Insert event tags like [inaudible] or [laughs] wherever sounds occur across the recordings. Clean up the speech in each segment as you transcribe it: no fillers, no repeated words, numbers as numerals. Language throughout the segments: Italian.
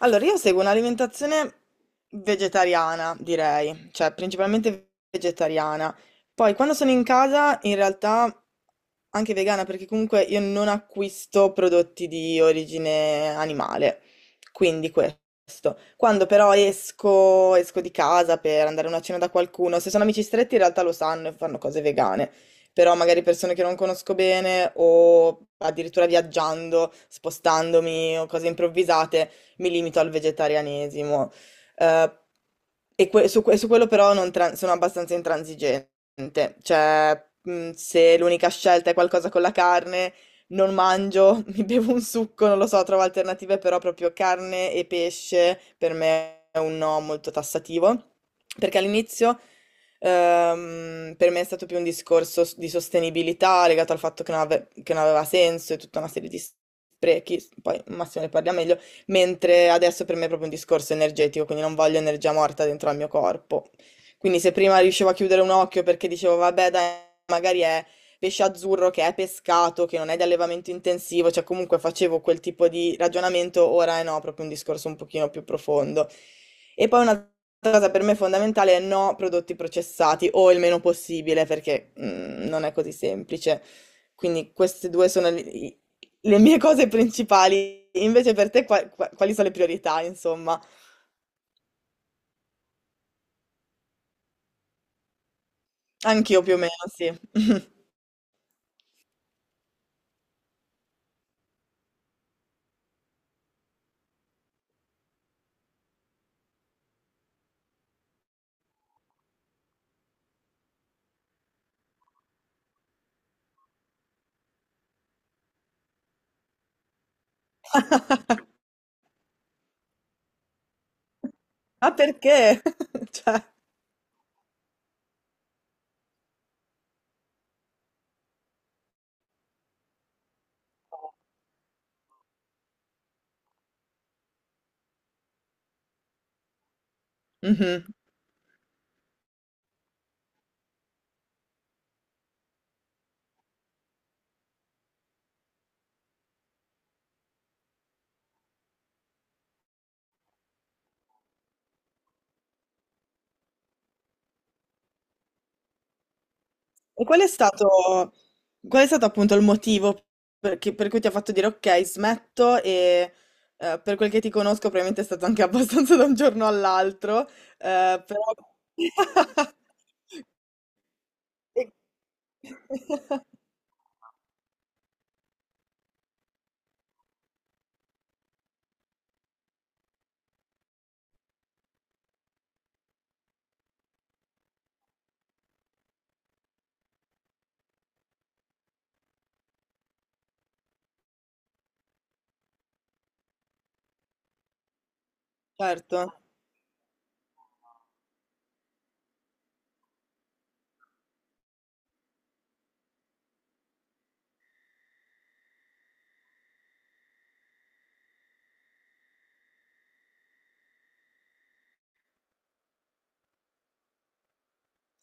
Allora, io seguo un'alimentazione vegetariana, direi, cioè principalmente vegetariana. Poi quando sono in casa, in realtà anche vegana, perché comunque io non acquisto prodotti di origine animale, quindi questo. Quando però esco, esco di casa per andare a una cena da qualcuno, se sono amici stretti in realtà lo sanno e fanno cose vegane, però magari persone che non conosco bene o addirittura viaggiando, spostandomi o cose improvvisate, mi limito al vegetarianesimo. Eh, su quello però non tran- sono abbastanza intransigente. Niente, cioè, se l'unica scelta è qualcosa con la carne, non mangio, [laughs] mi bevo un succo, non lo so, trovo alternative, però proprio carne e pesce per me è un no molto tassativo, perché all'inizio per me è stato più un discorso di sostenibilità legato al fatto che non aveva senso e tutta una serie di sprechi, poi Massimo ne parla meglio, mentre adesso per me è proprio un discorso energetico, quindi non voglio energia morta dentro al mio corpo. Quindi se prima riuscivo a chiudere un occhio perché dicevo, vabbè, dai, magari è pesce azzurro che è pescato, che non è di allevamento intensivo, cioè comunque facevo quel tipo di ragionamento, ora è no, proprio un discorso un pochino più profondo. E poi un'altra cosa per me fondamentale è no prodotti processati o il meno possibile, perché non è così semplice. Quindi queste due sono le mie cose principali. Invece per te quali sono le priorità, insomma? Anch'io più o meno, sì. [laughs] Ma perché? [laughs] Cioè, mh-mh. E qual è stato, qual è stato appunto il motivo per cui ti ha fatto dire: "Okay, smetto", e, per quel che ti conosco probabilmente è stato anche [laughs] abbastanza da un giorno all'altro, però [laughs] e [laughs] certo.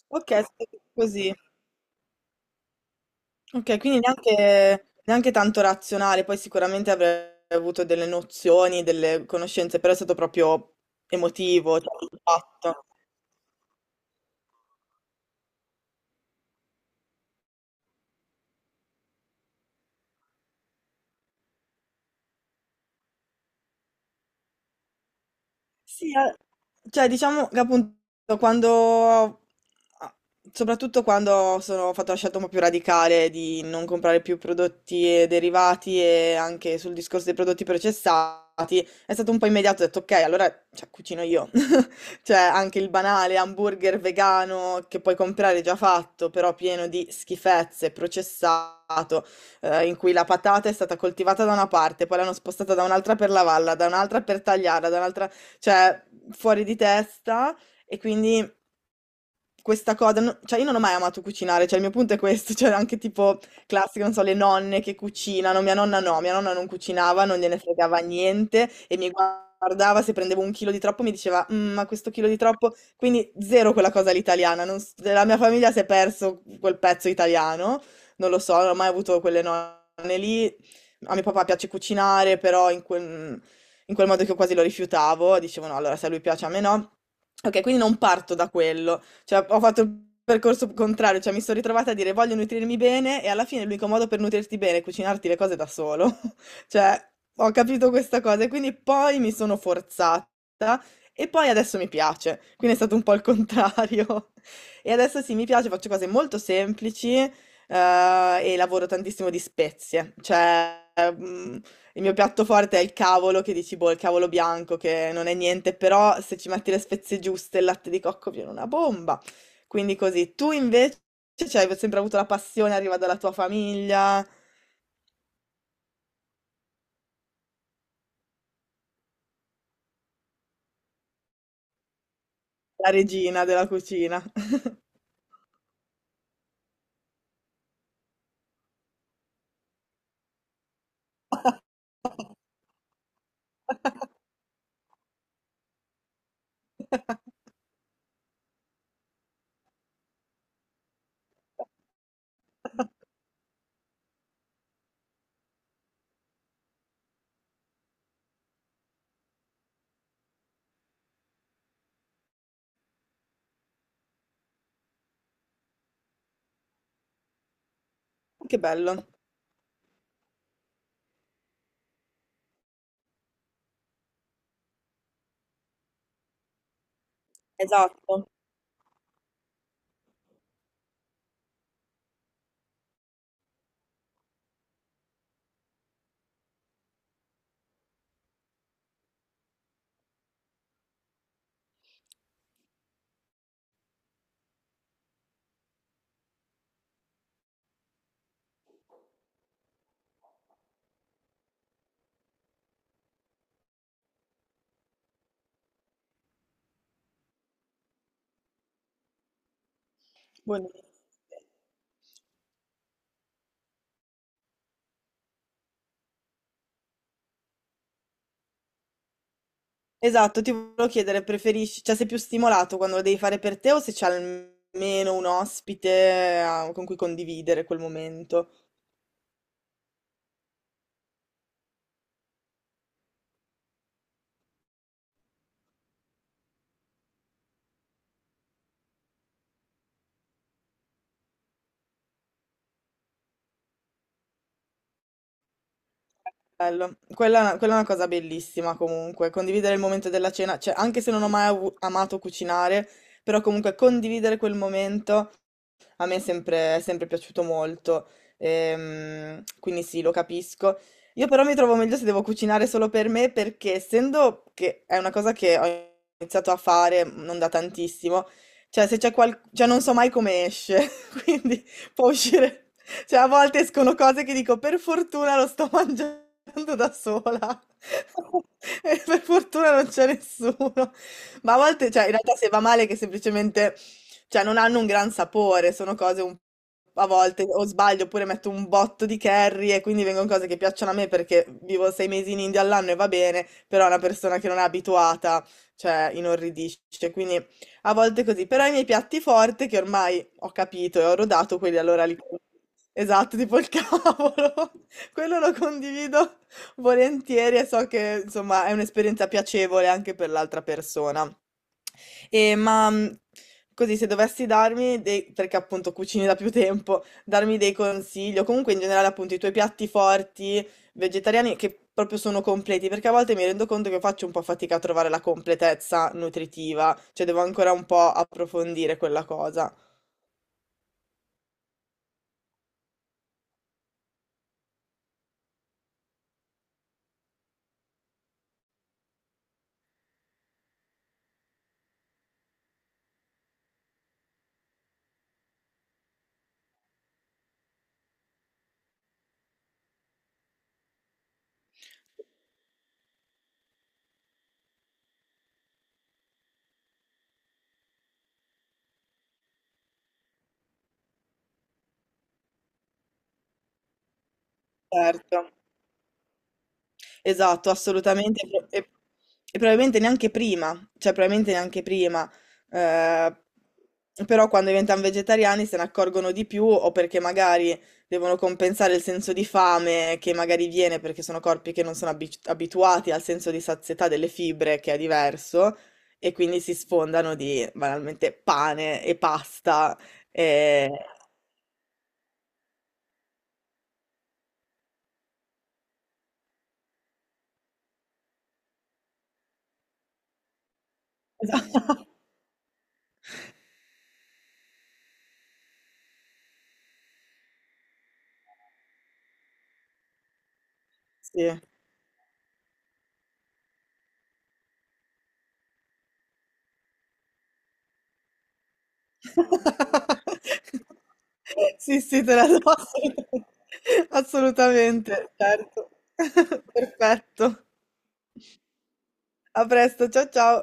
Okay, è stato così. Okay, quindi neanche tanto razionale, poi sicuramente avrai avuto delle nozioni, delle conoscenze, però è stato proprio emotivo, cioè l'impatto. Sì, cioè diciamo che appunto quando, soprattutto quando sono ho fatto la scelta un po' più radicale di non comprare più prodotti e derivati e anche sul discorso dei prodotti processati, è stato un po' immediato, ho detto ok, allora cioè, cucino io. Cioè, anche il banale hamburger vegano che puoi comprare già fatto, però pieno di schifezze, processato, in cui la patata è stata coltivata da una parte, poi l'hanno spostata da un'altra per lavarla, da un'altra per tagliarla, da un'altra, cioè, fuori di testa. E quindi questa cosa no, cioè io non ho mai amato cucinare, cioè il mio punto è questo, [laughs] cioè anche tipo classico, non so, le nonne che cucinano, mia nonna no, mia nonna non cucinava, non gliene fregava niente e mi guardava se prendevo un chilo di troppo mi diceva: "Mhmm, ma questo chilo di troppo", quindi zero quella cosa all'italiana, non s della mia famiglia si è perso quel pezzo italiano, non lo so, non ho mai avuto quelle nonne lì. A mio papà piace cucinare, però in quel modo che io quasi lo rifiutavo, dicevo: "No, allora se a lui piace a me no". Okay, quindi non parto da quello. Cioè, ho fatto il percorso contrario, cioè mi sono ritrovata a dire voglio nutrirmi bene e alla fine l'unico modo per nutrirti bene è cucinarti le cose da solo. [laughs] Cioè, ho capito questa cosa e quindi poi mi sono forzata e poi adesso mi piace. Quindi è stato un po' il contrario. [laughs] E adesso sì, mi piace, faccio cose molto semplici, e lavoro tantissimo di spezie. Cioè, mm, il mio piatto forte è il cavolo, che dici, boh, il cavolo bianco, che non è niente, però se ci metti le spezie giuste, il latte di cocco viene una bomba. Quindi così. Tu invece cioè, hai sempre avuto la passione, arriva dalla tua famiglia, la regina della cucina. [laughs] Che bello. Esatto. Buonissimo. Esatto, ti volevo chiedere, preferisci, cioè sei più stimolato quando lo devi fare per te o se c'è almeno un ospite con cui condividere quel momento? Bello. Quella è una cosa bellissima comunque, condividere il momento della cena, cioè anche se non ho mai amato cucinare, però comunque condividere quel momento a me è sempre piaciuto molto, quindi sì, lo capisco. Io però mi trovo meglio se devo cucinare solo per me perché essendo che è una cosa che ho iniziato a fare non da tantissimo, cioè se c'è qual... cioè non so mai come esce, [laughs] quindi può uscire, cioè a volte escono cose che dico per fortuna lo sto [laughs] mangiando da sola. [laughs] E per fortuna non c'è nessuno. Ma a volte, cioè, in realtà se va male che semplicemente cioè non hanno un gran sapore, sono cose un a volte o sbaglio oppure metto un botto di curry e quindi vengono cose che piacciono a me perché vivo sei mesi in India all'anno e va bene, però una persona che non è abituata, cioè, inorridisce. Quindi a volte così. Però i miei piatti forti che ormai ho capito e ho rodato, quelli allora li... Esatto, tipo il [laughs] cavolo. Quello lo condivido volentieri e so che, insomma, è un'esperienza piacevole anche per l'altra persona. E, ma così, se dovessi darmi dei, perché appunto cucini da più tempo, darmi dei consigli, o comunque in generale appunto i tuoi piatti forti, vegetariani, che proprio sono completi, perché a volte mi rendo conto che faccio un po' fatica a trovare la completezza nutritiva, cioè devo ancora un po' approfondire quella cosa. Certo. Esatto, assolutamente. E probabilmente neanche prima, cioè probabilmente neanche prima. Eh, però quando diventano vegetariani se ne accorgono di più o perché magari devono compensare il senso di fame che magari viene perché sono corpi che non sono abituati al senso di sazietà delle fibre che è diverso e quindi si sfondano di banalmente pane e pasta. E... [laughs] Sì. [laughs] Sì, sì, te la do assolutamente, assolutamente, certo. [laughs] Perfetto. A presto, ciao ciao.